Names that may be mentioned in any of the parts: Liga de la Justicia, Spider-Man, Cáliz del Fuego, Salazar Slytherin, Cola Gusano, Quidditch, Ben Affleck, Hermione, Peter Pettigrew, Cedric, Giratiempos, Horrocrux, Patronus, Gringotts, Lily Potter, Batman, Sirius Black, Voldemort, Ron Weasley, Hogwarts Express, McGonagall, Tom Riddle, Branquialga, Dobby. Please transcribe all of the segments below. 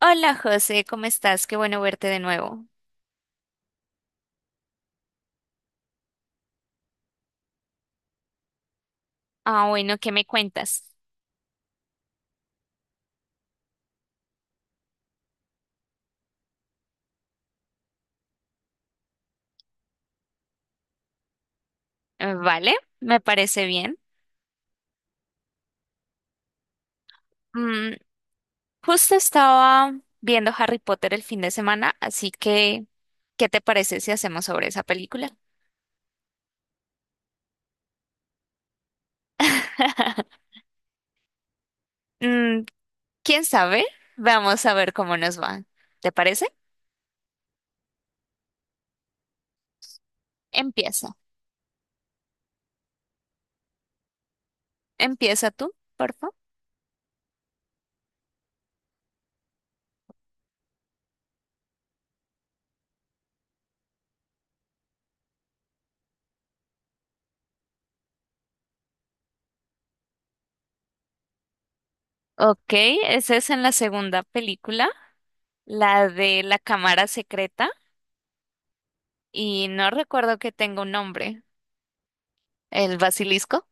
Hola José, ¿cómo estás? Qué bueno verte de nuevo. Ah, bueno, ¿qué me cuentas? Vale, me parece bien. Mm, justo estaba viendo Harry Potter el fin de semana, así que, ¿qué te parece si hacemos sobre esa película? Mm, ¿quién sabe? Vamos a ver cómo nos va. ¿Te parece? Empieza. Empieza tú, por favor. Ok, esa es en la segunda película, la de la cámara secreta, y no recuerdo que tenga un nombre. ¿El basilisco?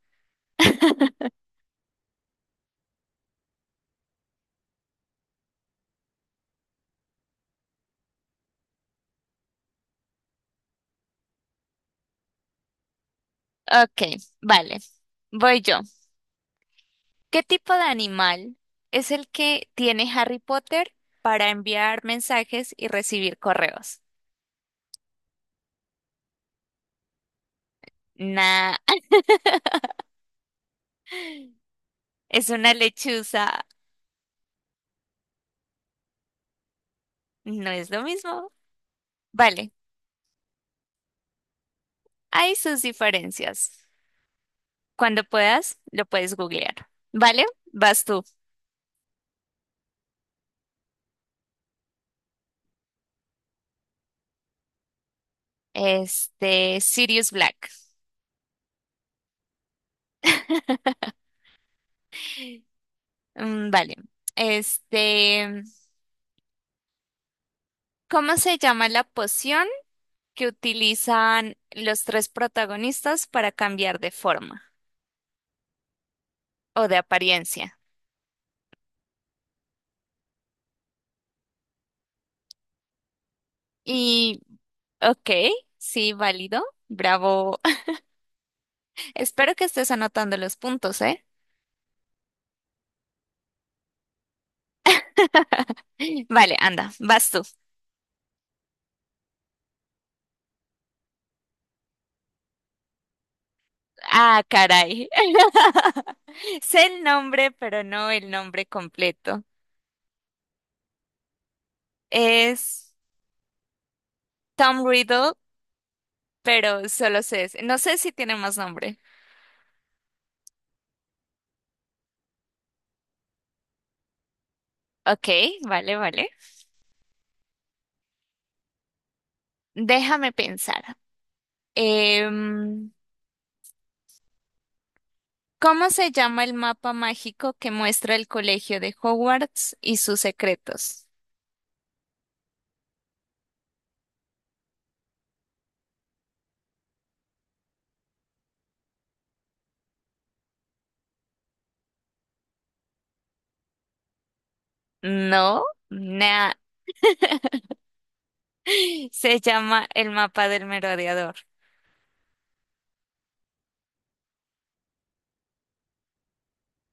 Ok, vale. Voy yo. ¿Qué tipo de animal es el que tiene Harry Potter para enviar mensajes y recibir correos? Nah, es una lechuza. No es lo mismo. Vale, hay sus diferencias. Cuando puedas, lo puedes googlear. ¿Vale? Vas tú. Este, Sirius Black. Mm, vale. Este, ¿cómo se llama la poción que utilizan los tres protagonistas para cambiar de forma o de apariencia? Y, ok, sí, válido, bravo. Espero que estés anotando los puntos, ¿eh? Vale, anda, vas tú. Ah, caray. Sé el nombre, pero no el nombre completo. Es Tom Riddle, pero solo sé ese. No sé si tiene más nombre. Ok, vale, vale. Déjame pensar. Em, ¿Cómo se llama el mapa mágico que muestra el colegio de Hogwarts y sus secretos? No, nah. Se llama el mapa del merodeador.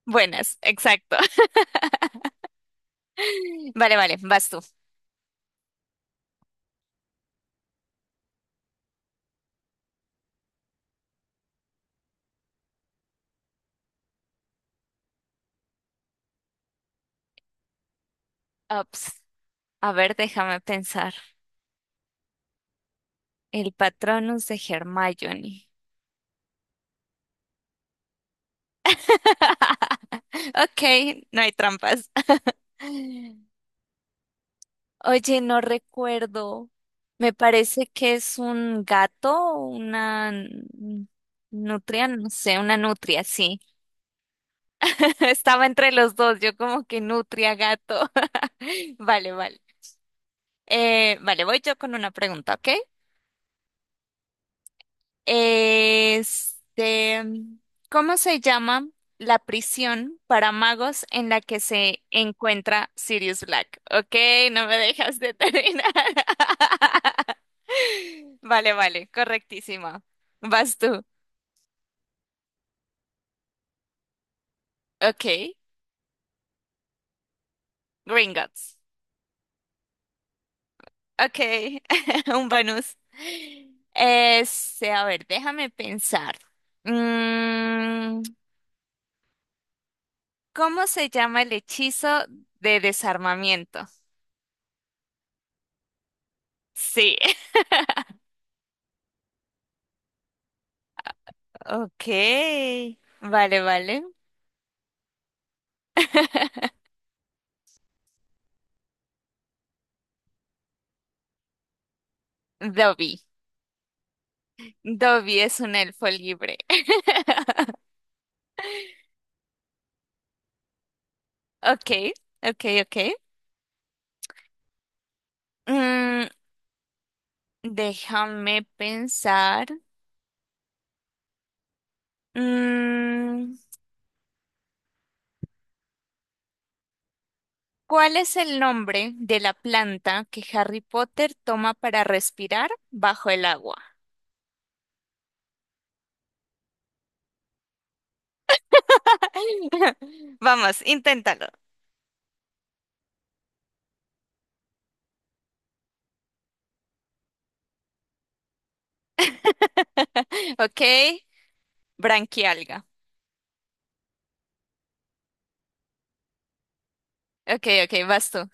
Buenas, exacto. Vale, vale, vas tú. Ups. A ver, déjame pensar. El Patronus de Hermione. Ok, no hay trampas. Oye, no recuerdo. Me parece que es un gato, una nutria, no sé, una nutria, sí. Estaba entre los dos, yo como que nutria, gato. Vale, vale. Vale, voy yo con una pregunta, ¿ok? Este, ¿cómo se llama la prisión para magos en la que se encuentra Sirius Black? Ok, no me dejas de terminar. Vale, vale, correctísima. Vas tú. Ok. Gringotts. Ok. Un bonus. Este, a ver, déjame pensar. Mm, ¿cómo se llama el hechizo de desarmamiento? Sí. Ok. Vale, vale. Dobby. Dobby es un elfo libre. Ok, ok, ok. Mm, déjame pensar. Mm, ¿cuál es el nombre de la planta que Harry Potter toma para respirar bajo el agua? Vamos, inténtalo. Ok, branquialga. Ok, ok, vas tú.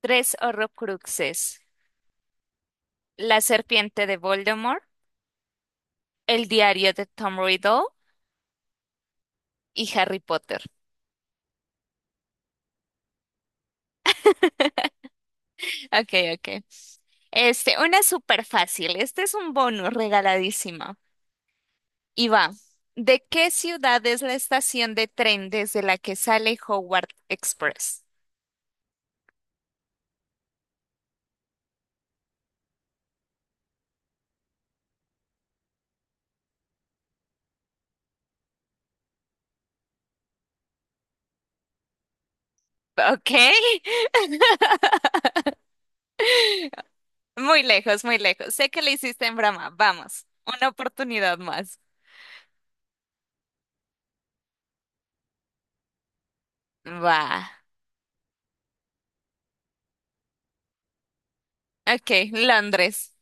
Tres horrocruxes. La serpiente de Voldemort, el diario de Tom Riddle y Harry Potter. Ok, ok. Este, una súper fácil. Este es un bonus regaladísima. Y va. ¿De qué ciudad es la estación de tren desde la que sale Howard Express? Ok. Muy lejos, muy lejos. Sé que lo hiciste en broma. Vamos. Una oportunidad más. Va. Ok, Londres.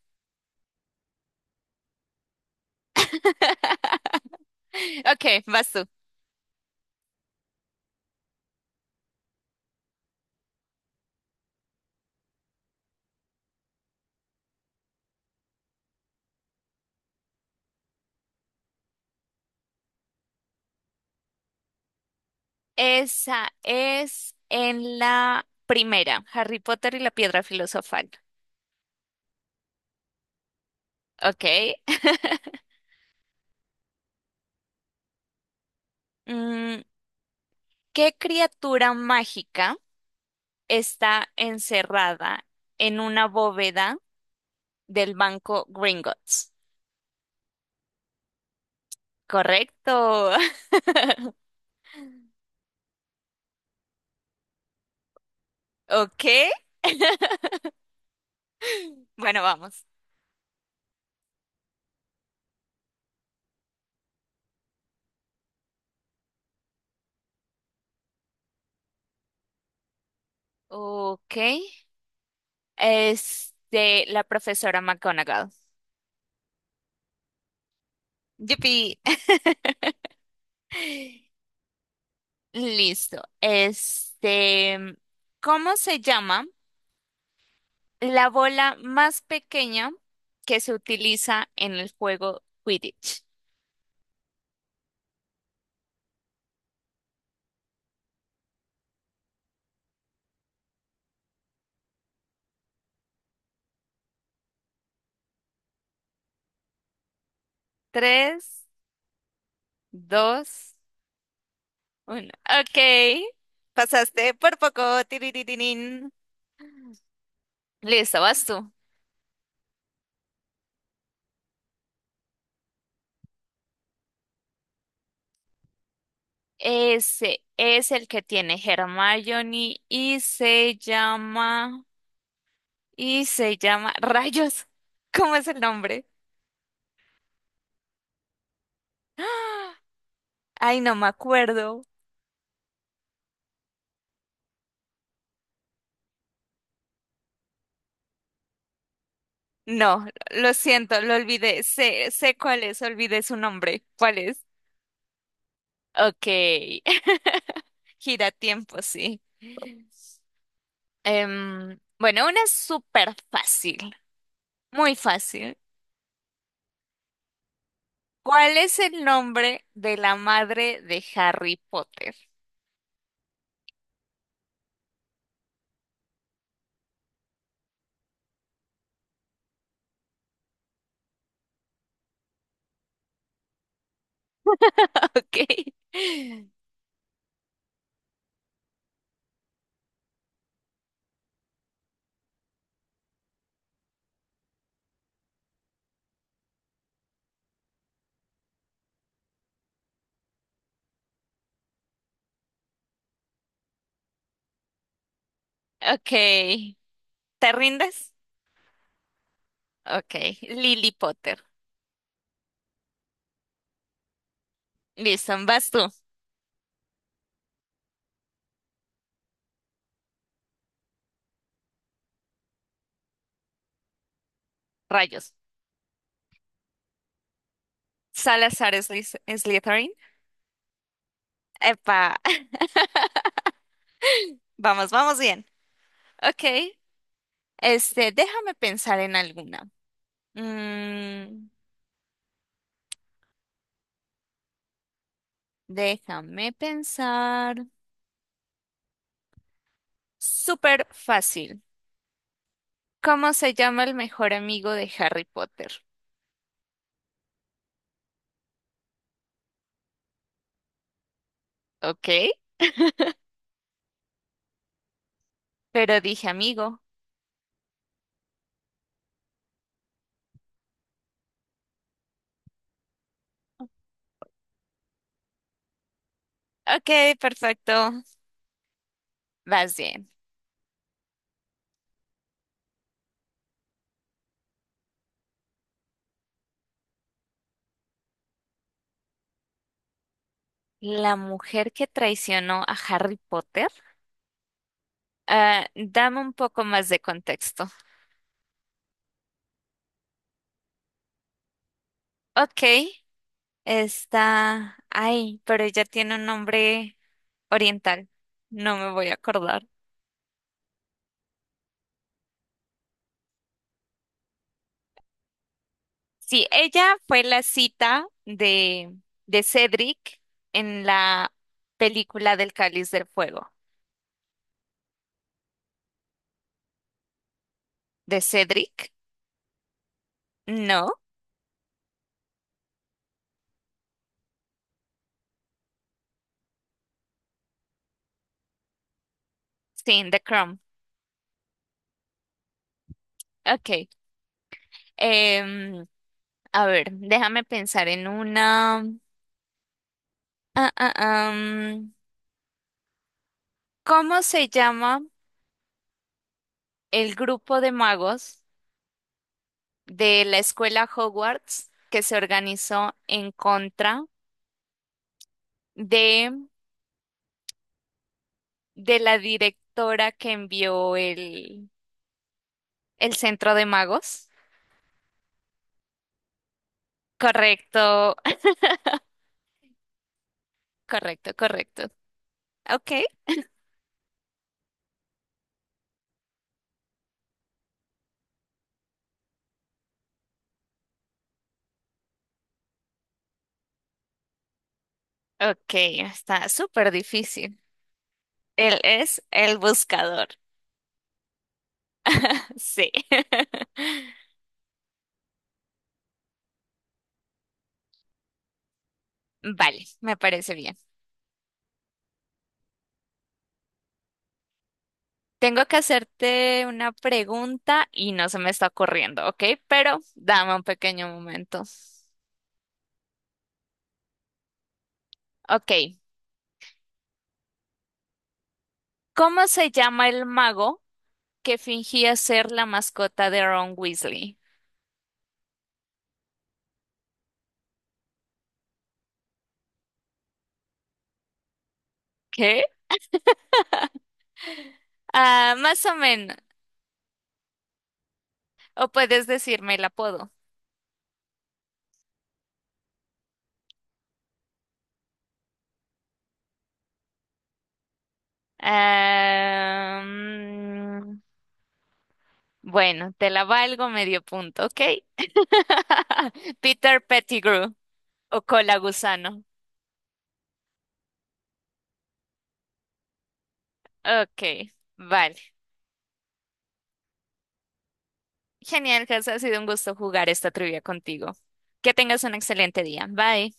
Ok, vas tú. Esa es en la primera, Harry Potter y la Piedra Filosofal. Ok. Mm, ¿qué criatura mágica está encerrada en una bóveda del banco Gringotts? Correcto. Ok. Bueno, vamos. Ok. Este, la profesora McGonagall. Yupi. Listo. Este, ¿cómo se llama la bola más pequeña que se utiliza en el juego Quidditch? Tres, dos. Uno. Ok. Pasaste por poco. Tiriririrín. Listo, vas tú. Ese es el que tiene Hermione y se llama. Y se llama. Rayos. ¿Cómo es el nombre? ¡Ah! Ay, no me acuerdo. No, lo siento, lo olvidé. Sé cuál es, olvidé su nombre. ¿Cuál es? Ok. Gira tiempo, sí. Bueno, una es súper fácil. Muy fácil. ¿Cuál es el nombre de la madre de Harry Potter? Ok. Ok. ¿Te rindes? Ok. Lily Potter. Listo, vas tú. Rayos. Salazar Slytherin. Epa. Vamos, vamos bien. Ok. Este, déjame pensar en alguna. Mm, déjame pensar. Súper fácil. ¿Cómo se llama el mejor amigo de Harry Potter? Ok. Pero dije amigo. Ok, perfecto. Vas bien. La mujer que traicionó a Harry Potter. Ah, dame un poco más de contexto. Ok, está... Ay, pero ella tiene un nombre oriental. No me voy a acordar. Sí, ella fue la cita de Cedric en la película del Cáliz del Fuego. ¿De Cedric? No. Sí, en The Crown. Ok. Em, A ver, déjame pensar en una. Ah, ah, am. ¿Cómo se llama el grupo de magos de la escuela Hogwarts que se organizó en contra de, de la directora que envió el centro de magos? Correcto, correcto, correcto. Ok, ok, está súper difícil. Él es el buscador. Sí. Vale, me parece bien. Tengo que hacerte una pregunta y no se me está ocurriendo, ¿ok? Pero dame un pequeño momento. Ok, ¿cómo se llama el mago que fingía ser la mascota de Ron Weasley? ¿Qué? Ah, más o menos. O puedes decirme el apodo. Ah, mm, bueno, te la valgo medio punto, ¿ok? Peter Pettigrew o Cola Gusano. Ok, vale. Genial, Gus, ha sido un gusto jugar esta trivia contigo. Que tengas un excelente día. Bye.